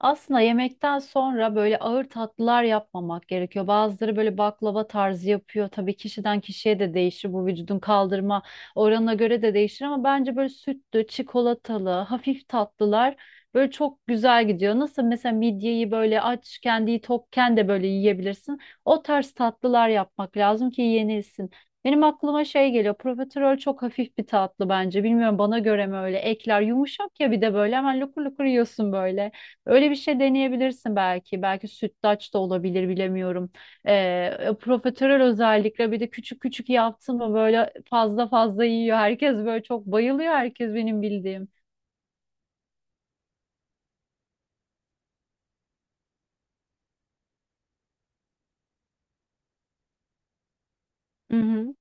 Aslında yemekten sonra böyle ağır tatlılar yapmamak gerekiyor. Bazıları böyle baklava tarzı yapıyor. Tabii kişiden kişiye de değişir. Bu vücudun kaldırma oranına göre de değişir ama bence böyle sütlü, çikolatalı, hafif tatlılar böyle çok güzel gidiyor. Nasıl mesela midyeyi böyle aç, kendiyi tokken de böyle yiyebilirsin. O tarz tatlılar yapmak lazım ki yenilsin. Benim aklıma şey geliyor. Profiterol çok hafif bir tatlı bence. Bilmiyorum bana göre mi öyle. Ekler yumuşak ya bir de böyle hemen lukur lukur yiyorsun böyle. Öyle bir şey deneyebilirsin belki. Belki sütlaç da olabilir bilemiyorum. Profiterol özellikle bir de küçük küçük yaptın mı böyle fazla fazla yiyor. Herkes böyle çok bayılıyor herkes benim bildiğim. Hı hı.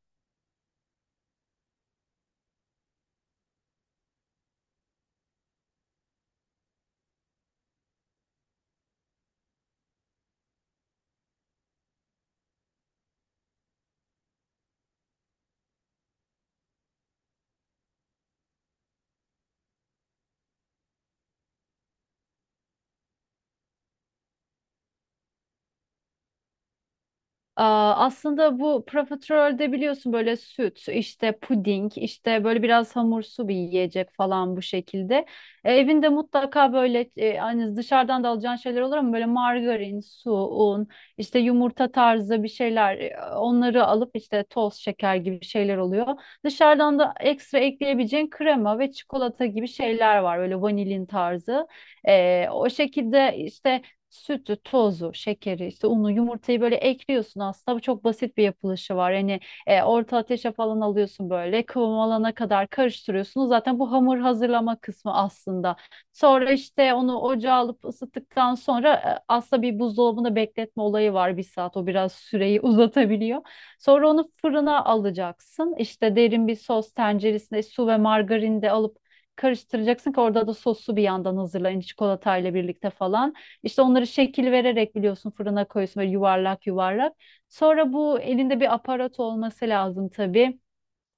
Aslında bu profiterolde biliyorsun böyle süt, işte puding, işte böyle biraz hamursu bir yiyecek falan bu şekilde. Evinde mutlaka böyle hani dışarıdan da alacağın şeyler olur ama böyle margarin, su, un, işte yumurta tarzı bir şeyler onları alıp işte toz şeker gibi şeyler oluyor. Dışarıdan da ekstra ekleyebileceğin krema ve çikolata gibi şeyler var böyle vanilin tarzı. O şekilde işte sütü, tozu, şekeri, işte unu, yumurtayı böyle ekliyorsun aslında. Bu çok basit bir yapılışı var. Hani orta ateşe falan alıyorsun böyle kıvam alana kadar karıştırıyorsun. Zaten bu hamur hazırlama kısmı aslında. Sonra işte onu ocağa alıp ısıttıktan sonra aslında bir buzdolabında bekletme olayı var bir saat. O biraz süreyi uzatabiliyor. Sonra onu fırına alacaksın. İşte derin bir sos tenceresinde su ve margarin de alıp karıştıracaksın ki orada da sosu bir yandan hazırlayın çikolatayla birlikte falan. İşte onları şekil vererek biliyorsun fırına koyuyorsun böyle yuvarlak yuvarlak. Sonra bu elinde bir aparat olması lazım tabii.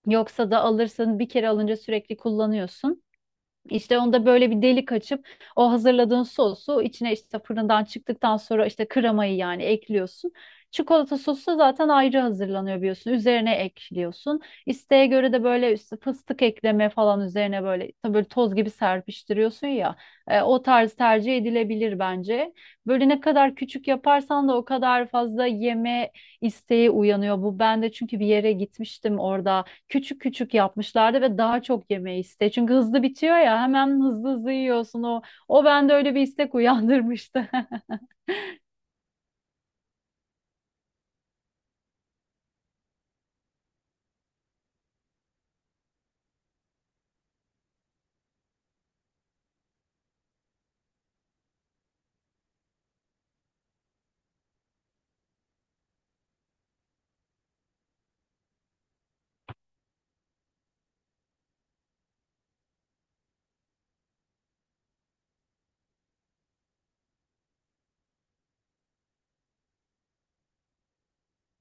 Yoksa da alırsın bir kere alınca sürekli kullanıyorsun. İşte onda böyle bir delik açıp o hazırladığın sosu içine işte fırından çıktıktan sonra işte kremayı yani ekliyorsun. Çikolata sosu da zaten ayrı hazırlanıyor biliyorsun. Üzerine ekliyorsun. İsteğe göre de böyle işte fıstık ekleme falan üzerine böyle tabii böyle toz gibi serpiştiriyorsun ya. O tarz tercih edilebilir bence. Böyle ne kadar küçük yaparsan da o kadar fazla yeme isteği uyanıyor. Bu ben de çünkü bir yere gitmiştim orada küçük küçük yapmışlardı ve daha çok yemeği iste. Çünkü hızlı bitiyor ya hemen hızlı hızlı yiyorsun o. O bende öyle bir istek uyandırmıştı.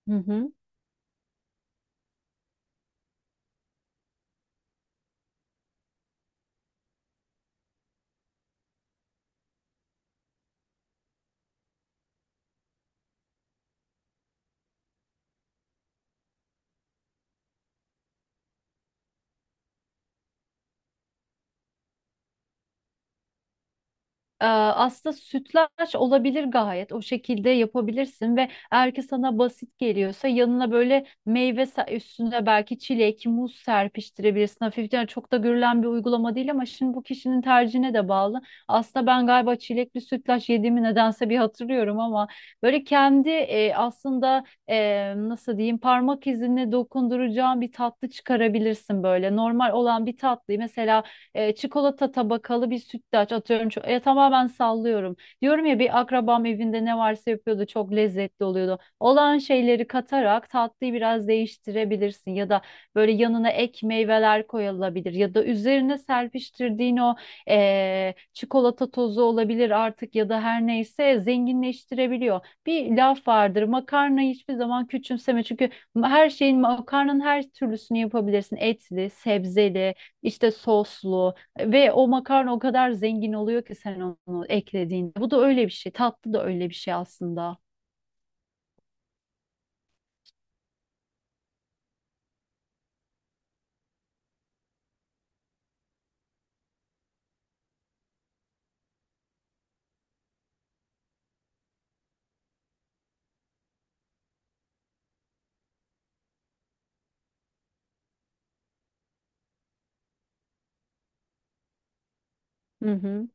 Hı hı. Ee, Aslında sütlaç olabilir gayet. O şekilde yapabilirsin ve eğer ki sana basit geliyorsa yanına böyle üstüne belki çilek, muz serpiştirebilirsin. Hafiften yani çok da görülen bir uygulama değil ama şimdi bu kişinin tercihine de bağlı. Aslında ben galiba çilekli sütlaç yediğimi nedense bir hatırlıyorum ama böyle kendi aslında nasıl diyeyim parmak izine dokunduracağın bir tatlı çıkarabilirsin böyle. Normal olan bir tatlıyı mesela çikolata tabakalı bir sütlaç atıyorum. Ya tamamen sallıyorum. Diyorum ya bir akrabam evinde ne varsa yapıyordu çok lezzetli oluyordu. Olan şeyleri katarak tatlıyı biraz değiştirebilirsin ya da böyle yanına ek meyveler koyulabilir ya da üzerine serpiştirdiğin o çikolata tozu olabilir artık ya da her neyse zenginleştirebiliyor. Bir laf vardır makarnayı hiçbir zaman küçümseme çünkü her şeyin makarnanın her türlüsünü yapabilirsin etli, sebzeli işte soslu ve o makarna o kadar zengin oluyor ki sen onu eklediğinde. Bu da öyle bir şey. Tatlı da öyle bir şey aslında. Hı hı.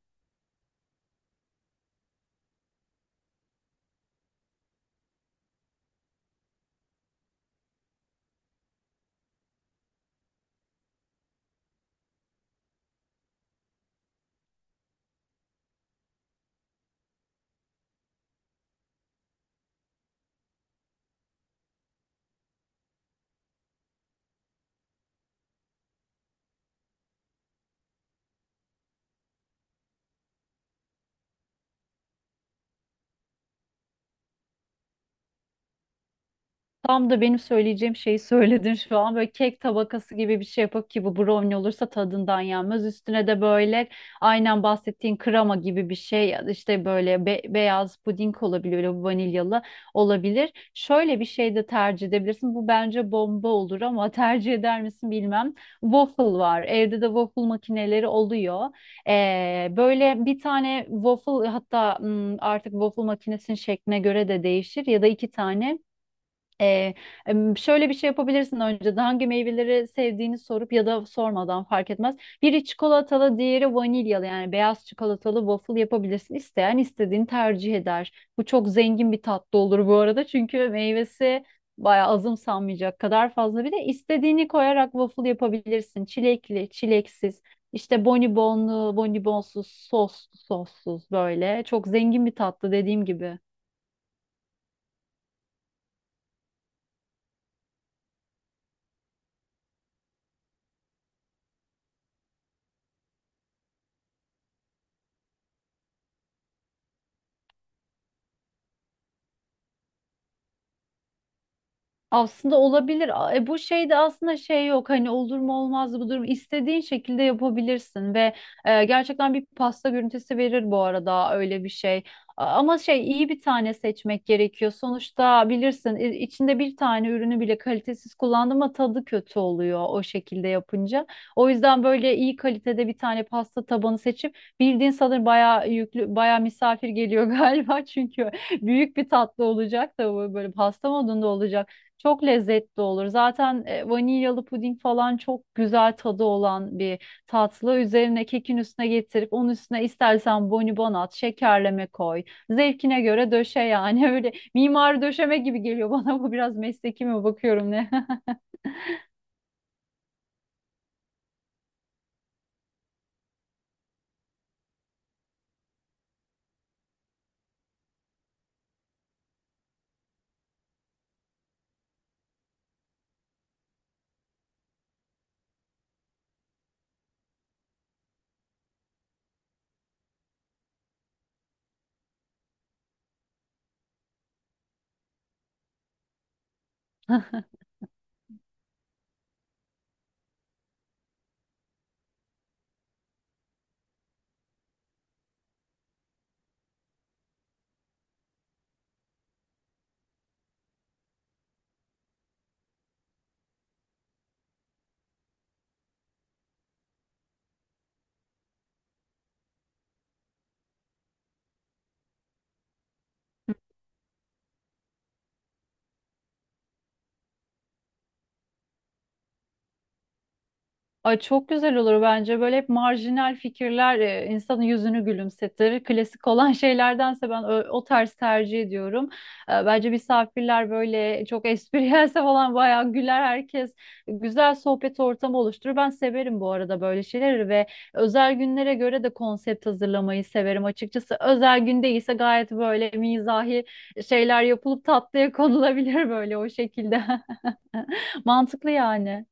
Tam da benim söyleyeceğim şeyi söyledin şu an. Böyle kek tabakası gibi bir şey yapıp ki bu brownie olursa tadından yenmez. Üstüne de böyle aynen bahsettiğin krema gibi bir şey ya da işte böyle beyaz puding olabilir, böyle vanilyalı olabilir. Şöyle bir şey de tercih edebilirsin. Bu bence bomba olur ama tercih eder misin bilmem. Waffle var. Evde de waffle makineleri oluyor. Böyle bir tane waffle hatta hmm, artık waffle makinesinin şekline göre de değişir ya da iki tane. Ee, Şöyle bir şey yapabilirsin önceden hangi meyveleri sevdiğini sorup ya da sormadan fark etmez. Biri çikolatalı, diğeri vanilyalı yani beyaz çikolatalı waffle yapabilirsin. İsteyen istediğini tercih eder. Bu çok zengin bir tatlı olur bu arada çünkü meyvesi bayağı azımsanmayacak kadar fazla. Bir de istediğini koyarak waffle yapabilirsin. Çilekli, çileksiz, işte bonibonlu, bonibonsuz, soslu, sossuz böyle. Çok zengin bir tatlı dediğim gibi. Aslında olabilir. Bu şeyde aslında şey yok hani olur mu olmaz mı bu durum istediğin şekilde yapabilirsin ve gerçekten bir pasta görüntüsü verir bu arada öyle bir şey. Ama şey iyi bir tane seçmek gerekiyor. Sonuçta bilirsin içinde bir tane ürünü bile kalitesiz kullandım ama tadı kötü oluyor o şekilde yapınca. O yüzden böyle iyi kalitede bir tane pasta tabanı seçip bildiğin sanırım bayağı yüklü bayağı misafir geliyor galiba çünkü büyük bir tatlı olacak da bu böyle pasta modunda olacak. Çok lezzetli olur. Zaten vanilyalı puding falan çok güzel tadı olan bir tatlı. Üzerine kekin üstüne getirip onun üstüne istersen bonibon at, şekerleme koy. Zevkine göre döşe yani. Öyle mimari döşeme gibi geliyor bana. Bu biraz mesleki mi bakıyorum ne? Ay çok güzel olur bence. Böyle hep marjinal fikirler insanın yüzünü gülümsetir. Klasik olan şeylerdense o tarz tercih ediyorum. Bence misafirler böyle çok espriyelse falan bayağı güler herkes. Güzel sohbet ortamı oluşturur. Ben severim bu arada böyle şeyleri ve özel günlere göre de konsept hazırlamayı severim açıkçası. Özel gün değilse gayet böyle mizahi şeyler yapılıp tatlıya konulabilir böyle o şekilde. Mantıklı yani.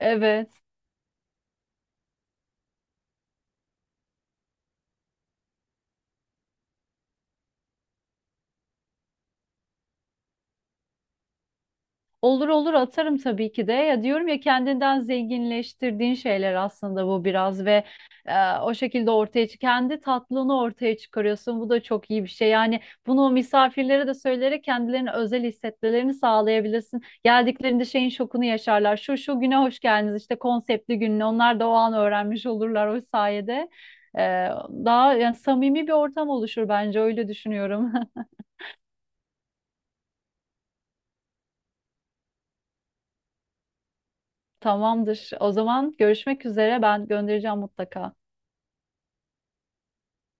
Evet. Olur olur atarım tabii ki de. Ya diyorum ya kendinden zenginleştirdiğin şeyler aslında bu biraz ve o şekilde ortaya çık kendi tatlını ortaya çıkarıyorsun. Bu da çok iyi bir şey. Yani bunu o misafirlere de söyleyerek kendilerini özel hissetmelerini sağlayabilirsin. Geldiklerinde şeyin şokunu yaşarlar. Şu şu güne hoş geldiniz işte konseptli gününe. Onlar da o an öğrenmiş olurlar o sayede. E, Daha yani samimi bir ortam oluşur bence öyle düşünüyorum. Tamamdır. O zaman görüşmek üzere. Ben göndereceğim mutlaka.